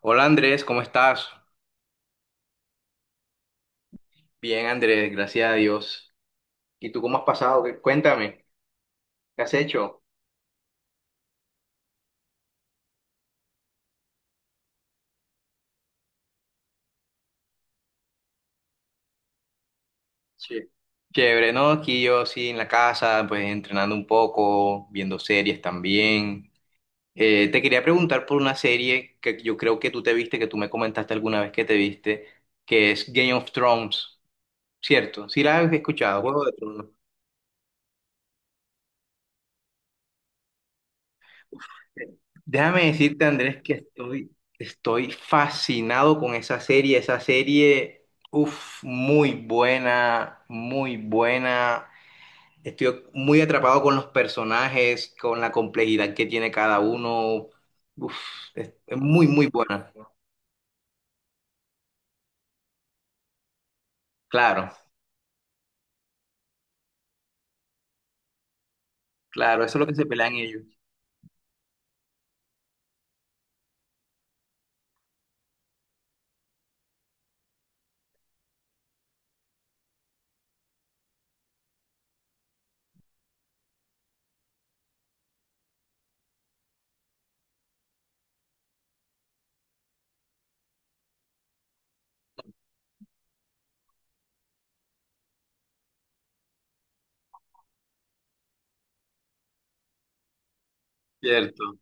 Hola Andrés, ¿cómo estás? Bien Andrés, gracias a Dios. ¿Y tú cómo has pasado? Cuéntame, ¿qué has hecho? Sí. Chévere, ¿no? Aquí yo sí en la casa, pues entrenando un poco, viendo series también. Te quería preguntar por una serie que yo creo que tú te viste, que tú me comentaste alguna vez que te viste, que es Game of Thrones, ¿cierto? Sí, la has escuchado, Juego de Tronos. Déjame decirte, Andrés, que estoy fascinado con esa serie. Esa serie, uff, muy buena, muy buena. Estoy muy atrapado con los personajes, con la complejidad que tiene cada uno. Uf, es muy, muy buena. Claro, claro, eso es lo que se pelean ellos, ¿cierto?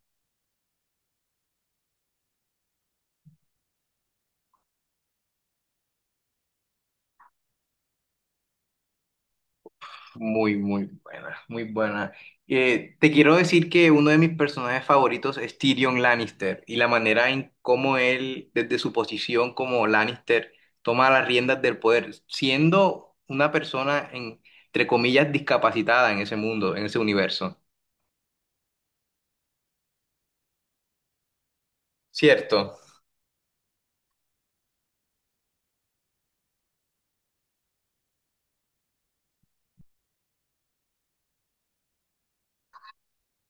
Muy, muy buena, muy buena. Te quiero decir que uno de mis personajes favoritos es Tyrion Lannister y la manera en cómo él, desde su posición como Lannister, toma las riendas del poder, siendo una persona, entre comillas, discapacitada en ese mundo, en ese universo. ¿Cierto?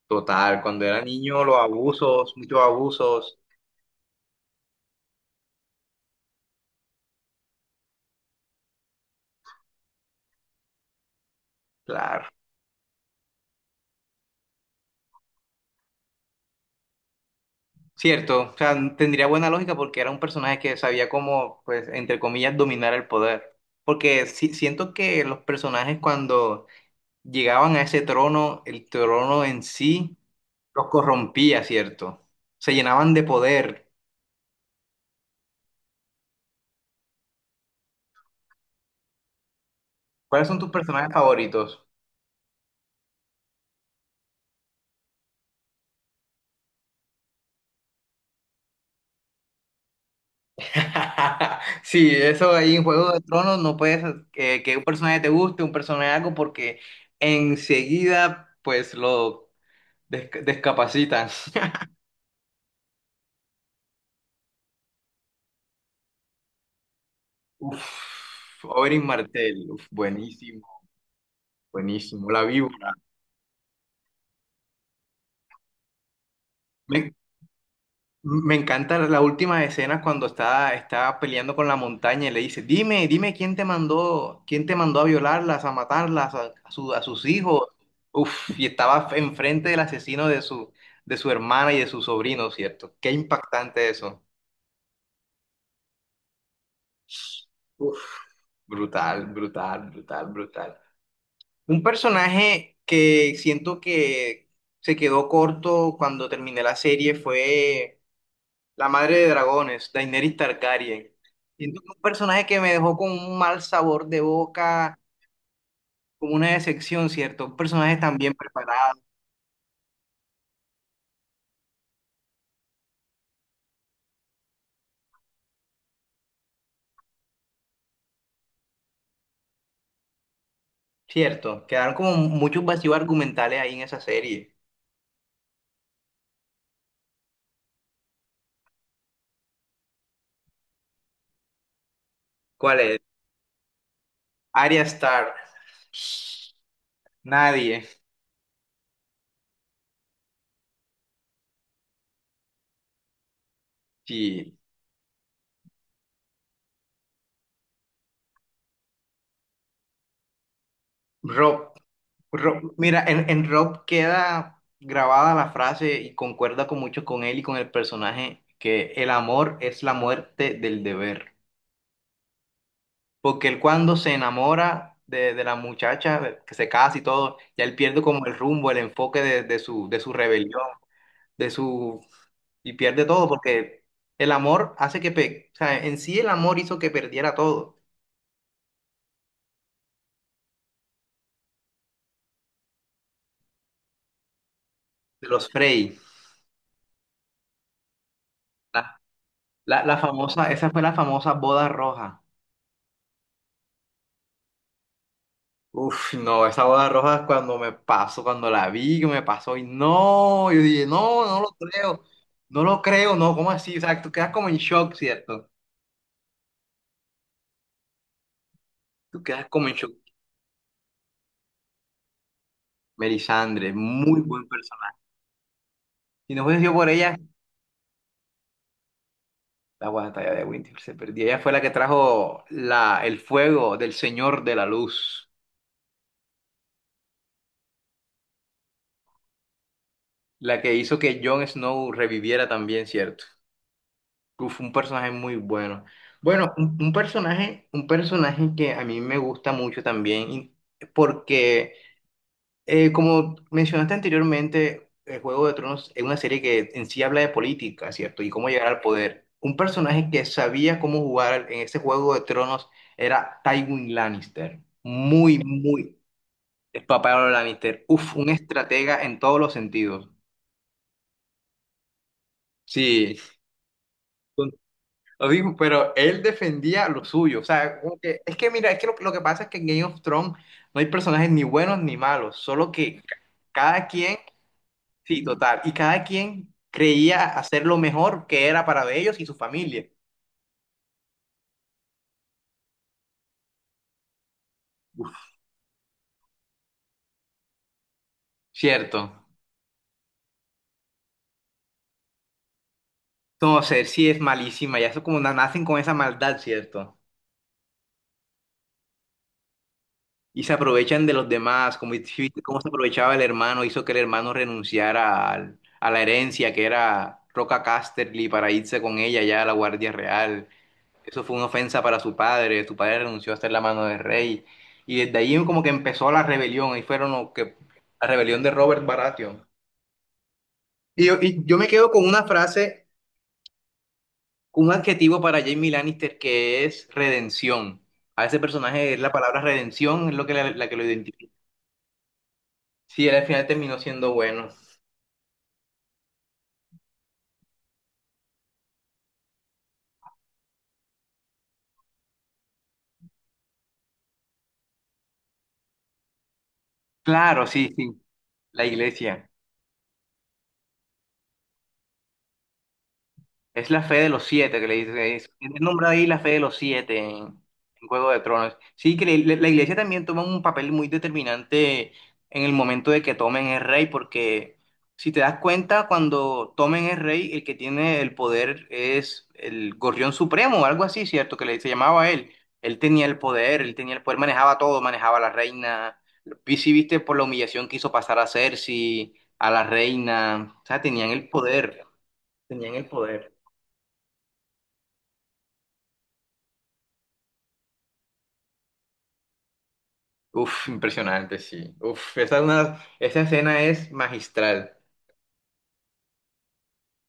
Total, cuando era niño, los abusos, muchos abusos, claro. Cierto, o sea, tendría buena lógica porque era un personaje que sabía cómo, pues, entre comillas, dominar el poder. Porque siento que los personajes cuando llegaban a ese trono, el trono en sí los corrompía, ¿cierto? Se llenaban de poder. ¿Cuáles son tus personajes favoritos? Sí, eso ahí en Juego de Tronos no puedes que un personaje te guste, un personaje algo, porque enseguida, pues, lo descapacitan. Uf, Oberyn Martell, uf, buenísimo, buenísimo. La víbora. Me, me encanta la última escena cuando está, está peleando con la montaña y le dice, dime, dime quién te mandó a violarlas, a matarlas, a sus hijos. Uf, y estaba enfrente del asesino de su hermana y de su sobrino, ¿cierto? Qué impactante eso. Uf, brutal, brutal, brutal, brutal. Un personaje que siento que se quedó corto cuando terminé la serie fue la madre de dragones, Daenerys Targaryen. Siento que un personaje que me dejó con un mal sabor de boca, como una decepción, ¿cierto? Un personaje tan bien preparado, ¿cierto? Quedaron como muchos vacíos argumentales ahí en esa serie. ¿Cuál es? Arya Stark. Nadie. Sí. Rob. Mira, en Rob queda grabada la frase y concuerda con mucho con él y con el personaje que el amor es la muerte del deber. Porque él cuando se enamora de la muchacha, que se casa y todo, ya él pierde como el rumbo, el enfoque de su rebelión, de su... y pierde todo porque el amor o sea, en sí el amor hizo que perdiera todo. De los Frey. La, Esa fue la famosa boda roja. Uf, no, esa boda roja cuando me pasó, cuando la vi, que me pasó y no, yo dije, no, no lo creo, no lo creo, no, ¿cómo así? O sea, tú quedas como en shock, ¿cierto? Tú quedas como en shock. Melisandre, muy buen personaje. Si no hubiese sido por ella, la batalla de Winter se perdió. Ella fue la que trajo el fuego del Señor de la Luz, la que hizo que Jon Snow reviviera también, ¿cierto? Uf, un personaje muy bueno. Bueno, un personaje que a mí me gusta mucho también, porque como mencionaste anteriormente, el Juego de Tronos es una serie que en sí habla de política, ¿cierto? Y cómo llegar al poder. Un personaje que sabía cómo jugar en ese Juego de Tronos era Tywin Lannister. Muy, muy El papá de los Lannister. Uf, un estratega en todos los sentidos. Sí. Lo dijo, pero él defendía lo suyo. O sea, es que mira, es que lo que pasa es que en Game of Thrones no hay personajes ni buenos ni malos, solo que cada quien, sí, total, y cada quien creía hacer lo mejor que era para ellos y su familia. Cierto. Entonces, sí es malísima, ya eso como nacen con esa maldad, ¿cierto? Y se aprovechan de los demás, como dijiste, cómo se aprovechaba el hermano, hizo que el hermano renunciara a la herencia que era Roca Casterly para irse con ella ya a la Guardia Real. Eso fue una ofensa para su padre renunció a estar en la mano del rey. Y desde ahí como que empezó la rebelión, ahí fueron los que, la rebelión de Robert Baratheon. Y yo me quedo con una frase, con un adjetivo para Jaime Lannister que es redención. A ese personaje es la palabra redención, es lo que la que lo identifica. Sí, él al final terminó siendo bueno. Claro, sí, sí, la iglesia. Es la fe de los siete que le dice. Tiene el nombre ahí la fe de los siete en, Juego de Tronos. Sí, la iglesia también toma un papel muy determinante en el momento de que tomen es rey, porque si te das cuenta, cuando tomen es rey, el que tiene el poder es el Gorrión Supremo o algo así, ¿cierto? Se llamaba él. Él tenía el poder, él tenía el poder, manejaba todo, manejaba a la reina. Vi si viste por la humillación que hizo pasar a Cersei, a la reina. O sea, tenían el poder, tenían el poder. Uf, impresionante, sí. Uf, esa escena es magistral.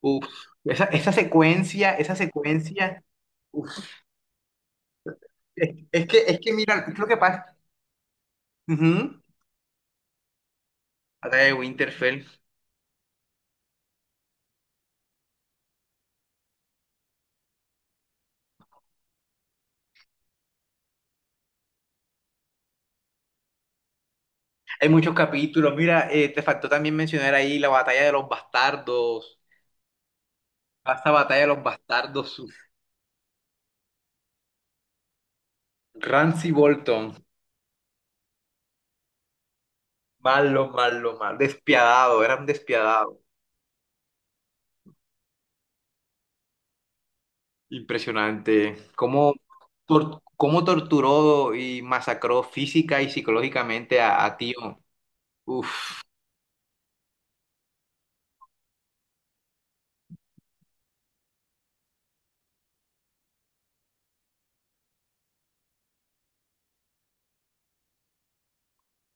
Uf, esa secuencia, esa secuencia. Uf, es que mira, es lo que pasa. Ujú. Batalla de Winterfell. Hay muchos capítulos. Mira, te faltó también mencionar ahí la batalla de los bastardos. Esta batalla de los bastardos. Uf. Ramsay Bolton. Malo, malo, malo. Despiadado, era un despiadado. Impresionante. ¿Cómo torturó y masacró física y psicológicamente a Tío? Uf.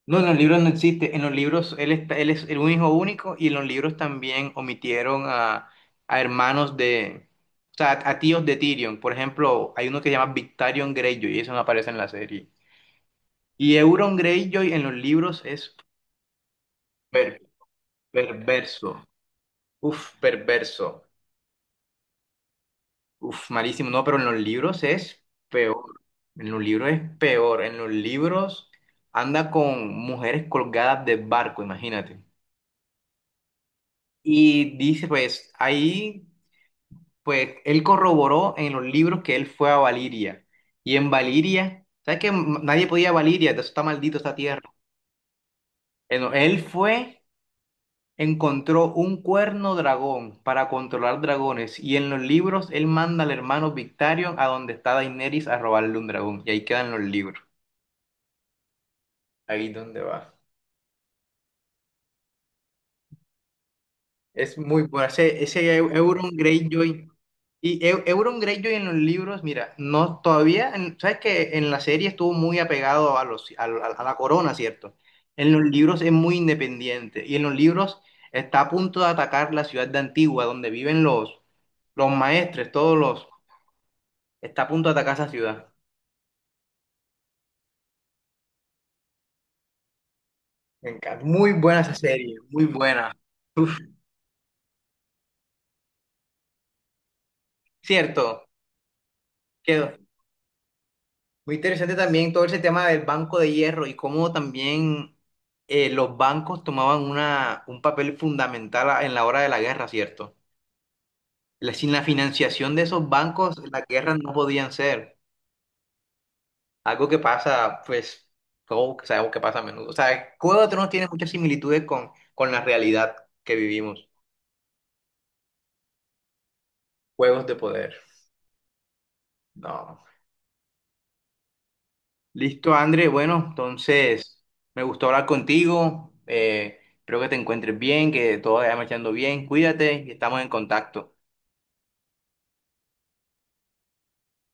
No, en los libros no existe. En los libros él es el hijo único y en los libros también omitieron a hermanos. O sea, a tíos de Tyrion. Por ejemplo, hay uno que se llama Victarion Greyjoy y eso no aparece en la serie. Y Euron Greyjoy en los libros es per- perverso. Uf, perverso. Uf, malísimo, no, pero en los libros es peor. En los libros es peor. En los libros anda con mujeres colgadas de barco, imagínate. Y dice, pues, ahí, pues, él corroboró en los libros que él fue a Valiria. Y en Valiria, ¿sabes que nadie podía ir a Valiria? Eso está maldito esta tierra. No, él fue encontró un cuerno dragón para controlar dragones y en los libros él manda al hermano Victarion a donde está Daenerys a robarle un dragón y ahí quedan los libros. Ahí donde va. Es muy bueno. Ese, Euron Greyjoy. Y Euron Greyjoy en los libros, mira, no todavía, sabes que en la serie estuvo muy apegado a los a la corona, ¿cierto? En los libros es muy independiente y en los libros está a punto de atacar la ciudad de Antigua, donde viven los maestres, todos los Está a punto de atacar esa ciudad. Me encanta. Muy buena esa serie, muy buena. Uf, cierto, quedó. Muy interesante también todo ese tema del Banco de Hierro y cómo también los bancos tomaban un papel fundamental en la hora de la guerra, ¿cierto? Sin la financiación de esos bancos, las guerras no podían ser. Algo que pasa, pues, todo que sabemos que pasa a menudo. O sea, Juego de Tronos tiene muchas similitudes con la realidad que vivimos. Juegos de poder. No. Listo, André. Bueno, entonces me gustó hablar contigo. Espero que te encuentres bien, que todo vaya marchando bien. Cuídate y estamos en contacto.